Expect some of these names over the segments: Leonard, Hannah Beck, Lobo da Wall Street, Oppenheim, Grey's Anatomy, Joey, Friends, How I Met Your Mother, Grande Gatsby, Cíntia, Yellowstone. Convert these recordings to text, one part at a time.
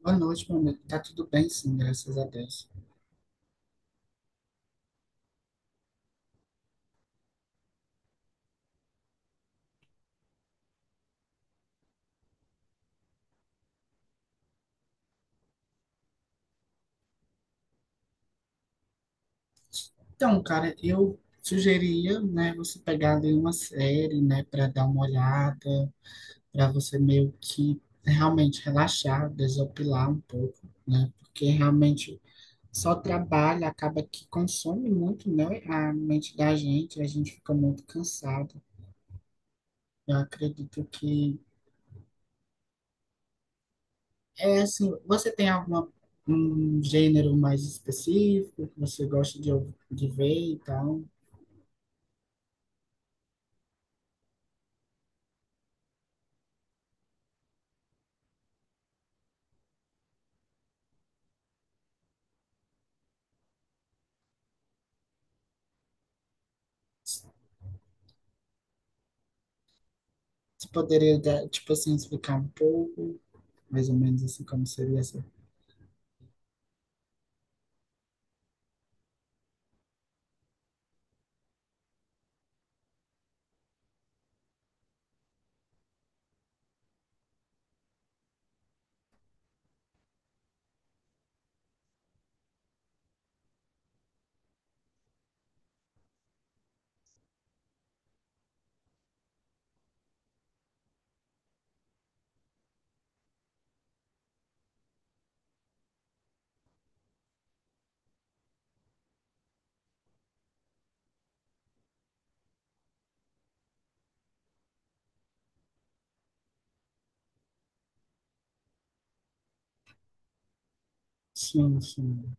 Boa noite, meu amigo. Tá tudo bem, sim, graças a Deus. Então, cara, eu sugeria, né, você pegar ali uma série, né, para dar uma olhada, para você meio que realmente relaxar, desopilar um pouco, né, porque realmente só trabalho acaba que consome muito, né, a mente da gente, a gente fica muito cansado. Eu acredito que é assim, você tem alguma um gênero mais específico que você gosta de, de ver e tal? Você poderia, dar, tipo assim, explicar um pouco, mais ou menos assim, como seria essa? Sim, sim.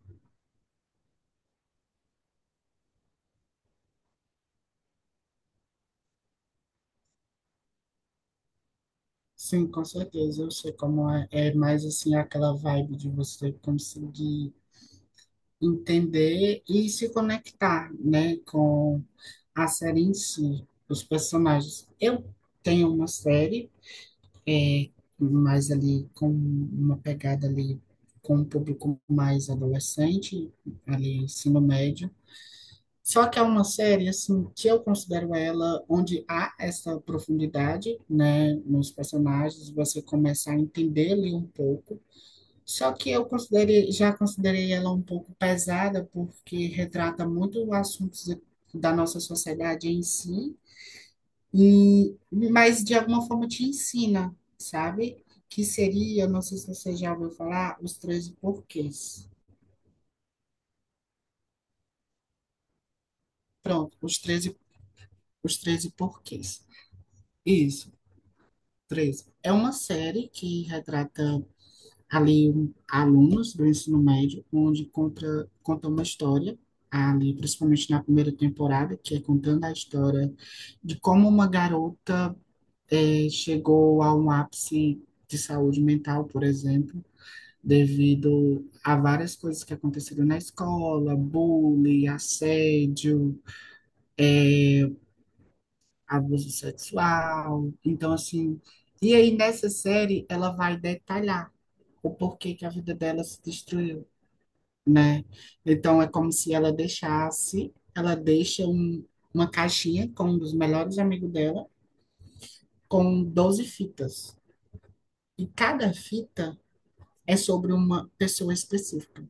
Sim, com certeza. Eu sei como é, é mais assim aquela vibe de você conseguir entender e se conectar, né, com a série em si, os personagens. Eu tenho uma série, é, mais ali com uma pegada ali com um público mais adolescente, ali ensino médio. Só que é uma série, assim, que eu considero ela onde há essa profundidade, né, nos personagens, você começa a entender ali um pouco. Só que eu considerei, já considerei ela um pouco pesada, porque retrata muito assuntos da nossa sociedade em si, e, mas de alguma forma te ensina, sabe? Que seria, não sei se você já ouviu falar, os 13 porquês. Pronto, os treze porquês. Isso. Três. É uma série que retrata ali alunos do ensino médio, onde conta uma história, ali principalmente na primeira temporada, que é contando a história de como uma garota chegou a um ápice de saúde mental, por exemplo, devido a várias coisas que aconteceram na escola, bullying, assédio, abuso sexual. Então, assim, e aí nessa série ela vai detalhar o porquê que a vida dela se destruiu, né? Então é como se ela deixasse, ela deixa uma caixinha com um dos melhores amigos dela, com 12 fitas. E cada fita é sobre uma pessoa específica,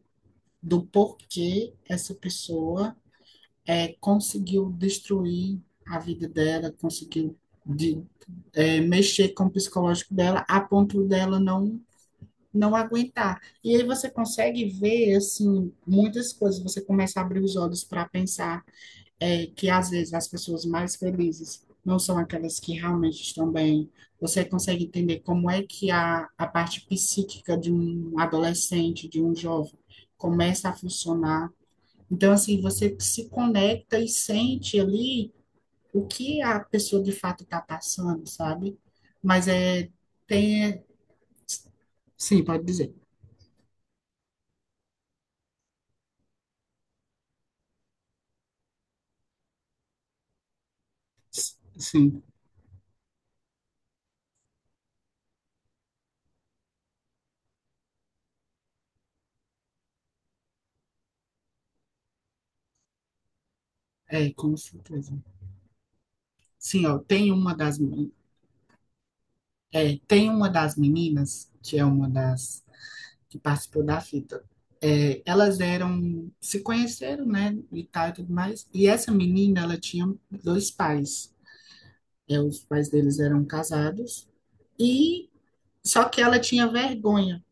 do porquê essa pessoa conseguiu destruir a vida dela, conseguiu de, mexer com o psicológico dela a ponto dela não aguentar. E aí você consegue ver, assim, muitas coisas. Você começa a abrir os olhos para pensar que, às vezes, as pessoas mais felizes não são aquelas que realmente estão bem. Você consegue entender como é que a parte psíquica de um adolescente, de um jovem, começa a funcionar. Então, assim, você se conecta e sente ali o que a pessoa de fato está passando, sabe? Mas é, tem, é, sim, pode dizer, sim. É, com certeza. Sim, ó, tem uma das meninas, que é uma das que participou da fita. Elas eram, se conheceram, né, e tal e tudo mais. E essa menina, ela tinha dois pais. Os pais deles eram casados. E só que ela tinha vergonha,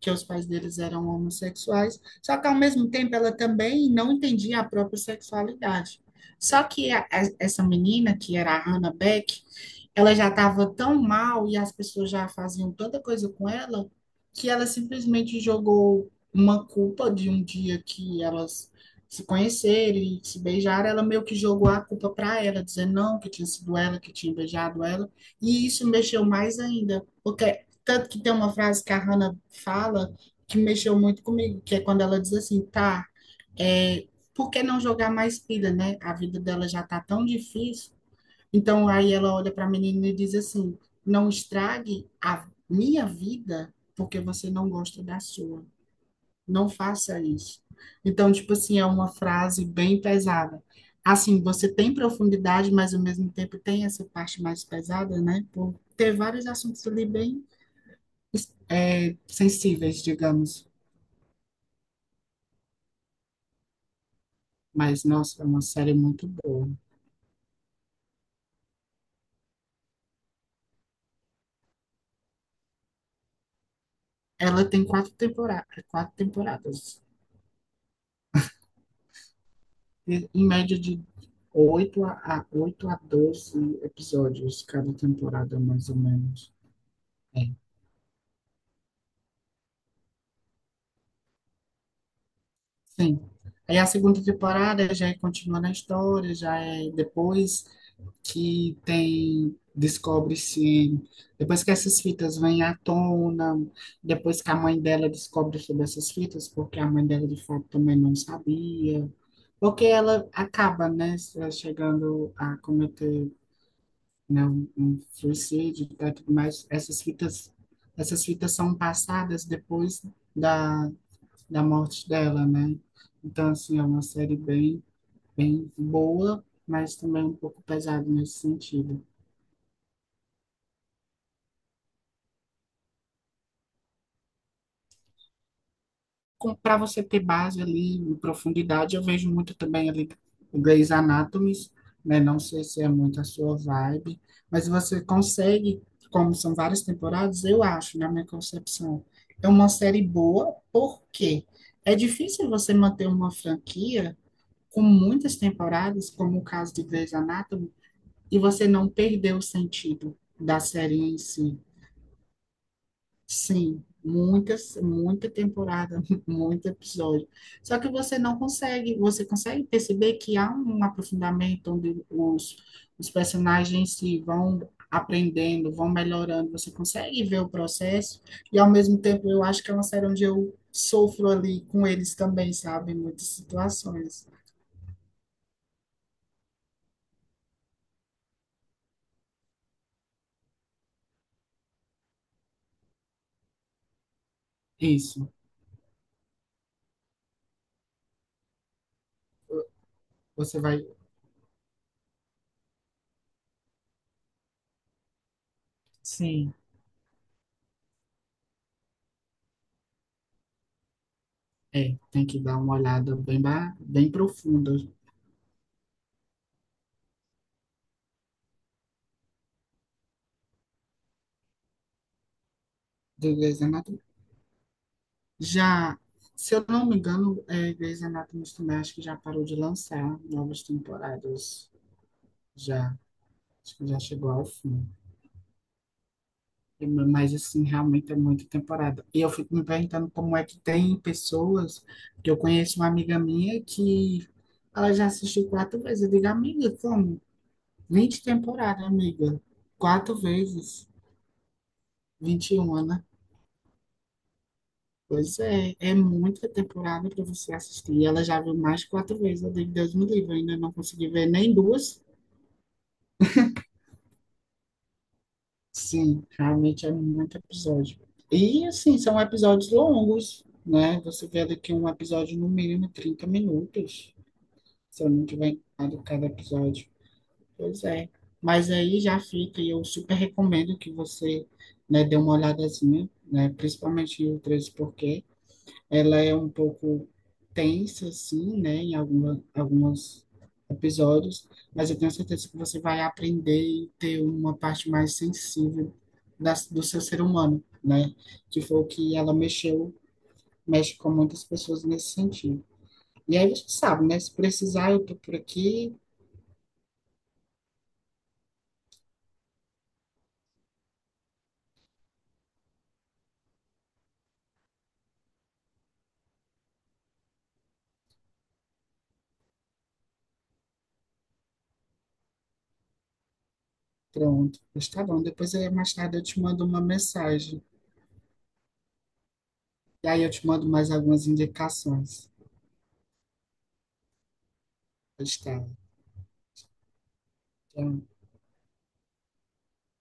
que os pais deles eram homossexuais. Só que ao mesmo tempo ela também não entendia a própria sexualidade. Só que essa menina, que era a Hannah Beck, ela já estava tão mal e as pessoas já faziam tanta coisa com ela que ela simplesmente jogou uma culpa de um dia que elas se conheceram e se beijaram. Ela meio que jogou a culpa para ela, dizendo não, que tinha sido ela que tinha beijado ela. E isso mexeu mais ainda, porque tanto que tem uma frase que a Hannah fala que mexeu muito comigo, que é quando ela diz assim, é, por que não jogar mais pilha, né? A vida dela já tá tão difícil então, aí ela olha para a menina e diz assim: Não estrague a minha vida porque você não gosta da sua. Não faça isso. Então, tipo assim, é uma frase bem pesada. Assim, você tem profundidade, mas ao mesmo tempo tem essa parte mais pesada, né? Por ter vários assuntos ali bem sensíveis, digamos. Mas, nossa, é uma série muito boa. Ela tem quatro temporadas, quatro temporadas. Em média de oito a 12 episódios cada temporada, mais ou menos. É, sim. Aí a segunda temporada já é continuando a história, já é depois que descobre-se, depois que essas fitas vêm à tona, depois que a mãe dela descobre sobre essas fitas, porque a mãe dela de fato também não sabia, porque ela acaba, né, chegando a cometer não, um suicídio e tá, tudo mais, essas fitas são passadas depois da, da morte dela, né? Então, assim, é uma série bem, bem boa, mas também um pouco pesada nesse sentido. Para você ter base ali, profundidade, eu vejo muito também ali o Grey's Anatomy, né? Não sei se é muito a sua vibe, mas você consegue, como são várias temporadas, eu acho, na minha concepção, é uma série boa, porque é difícil você manter uma franquia com muitas temporadas, como o caso de Grey's Anatomy, e você não perder o sentido da série em si. Sim, muitas, muita temporada, muito episódio. Só que você não consegue, você consegue perceber que há um aprofundamento onde os personagens se vão aprendendo, vão melhorando, você consegue ver o processo, e ao mesmo tempo eu acho que é uma série onde eu sofro ali com eles também, sabe, em muitas situações. Isso, você vai, sim, tem que dar uma olhada bem profunda do desenho. Já, se eu não me engano, Grey's Anatomy também acho que já parou de lançar novas temporadas. Já, acho que já chegou ao fim. Mas, assim, realmente é muita temporada. E eu fico me perguntando como é que tem pessoas, que eu conheço uma amiga minha que ela já assistiu quatro vezes. Eu digo, amiga, como? 20 temporadas, amiga. Quatro vezes. 21, né? Pois é, é muita temporada para você assistir. Ela já viu mais de quatro vezes, eu digo, Deus me livre, eu ainda não consegui ver nem duas. Sim, realmente é muito episódio. E, assim, são episódios longos, né? Você vê daqui um episódio no mínimo 30 minutos, se eu não tiver enganado cada episódio. Pois é. Mas aí já fica, e eu super recomendo que você, né, dê uma olhadazinha, né? Principalmente o 13, porque ela é um pouco tensa, assim, né, em alguns episódios, mas eu tenho certeza que você vai aprender e ter uma parte mais sensível da, do seu ser humano, né, que foi o que ela mexeu, mexe com muitas pessoas nesse sentido. E aí você sabe, né, se precisar, eu tô por aqui, pronto, mas tá bom, depois aí mais tarde eu te mando uma mensagem, e aí eu te mando mais algumas indicações. Está. Tchau.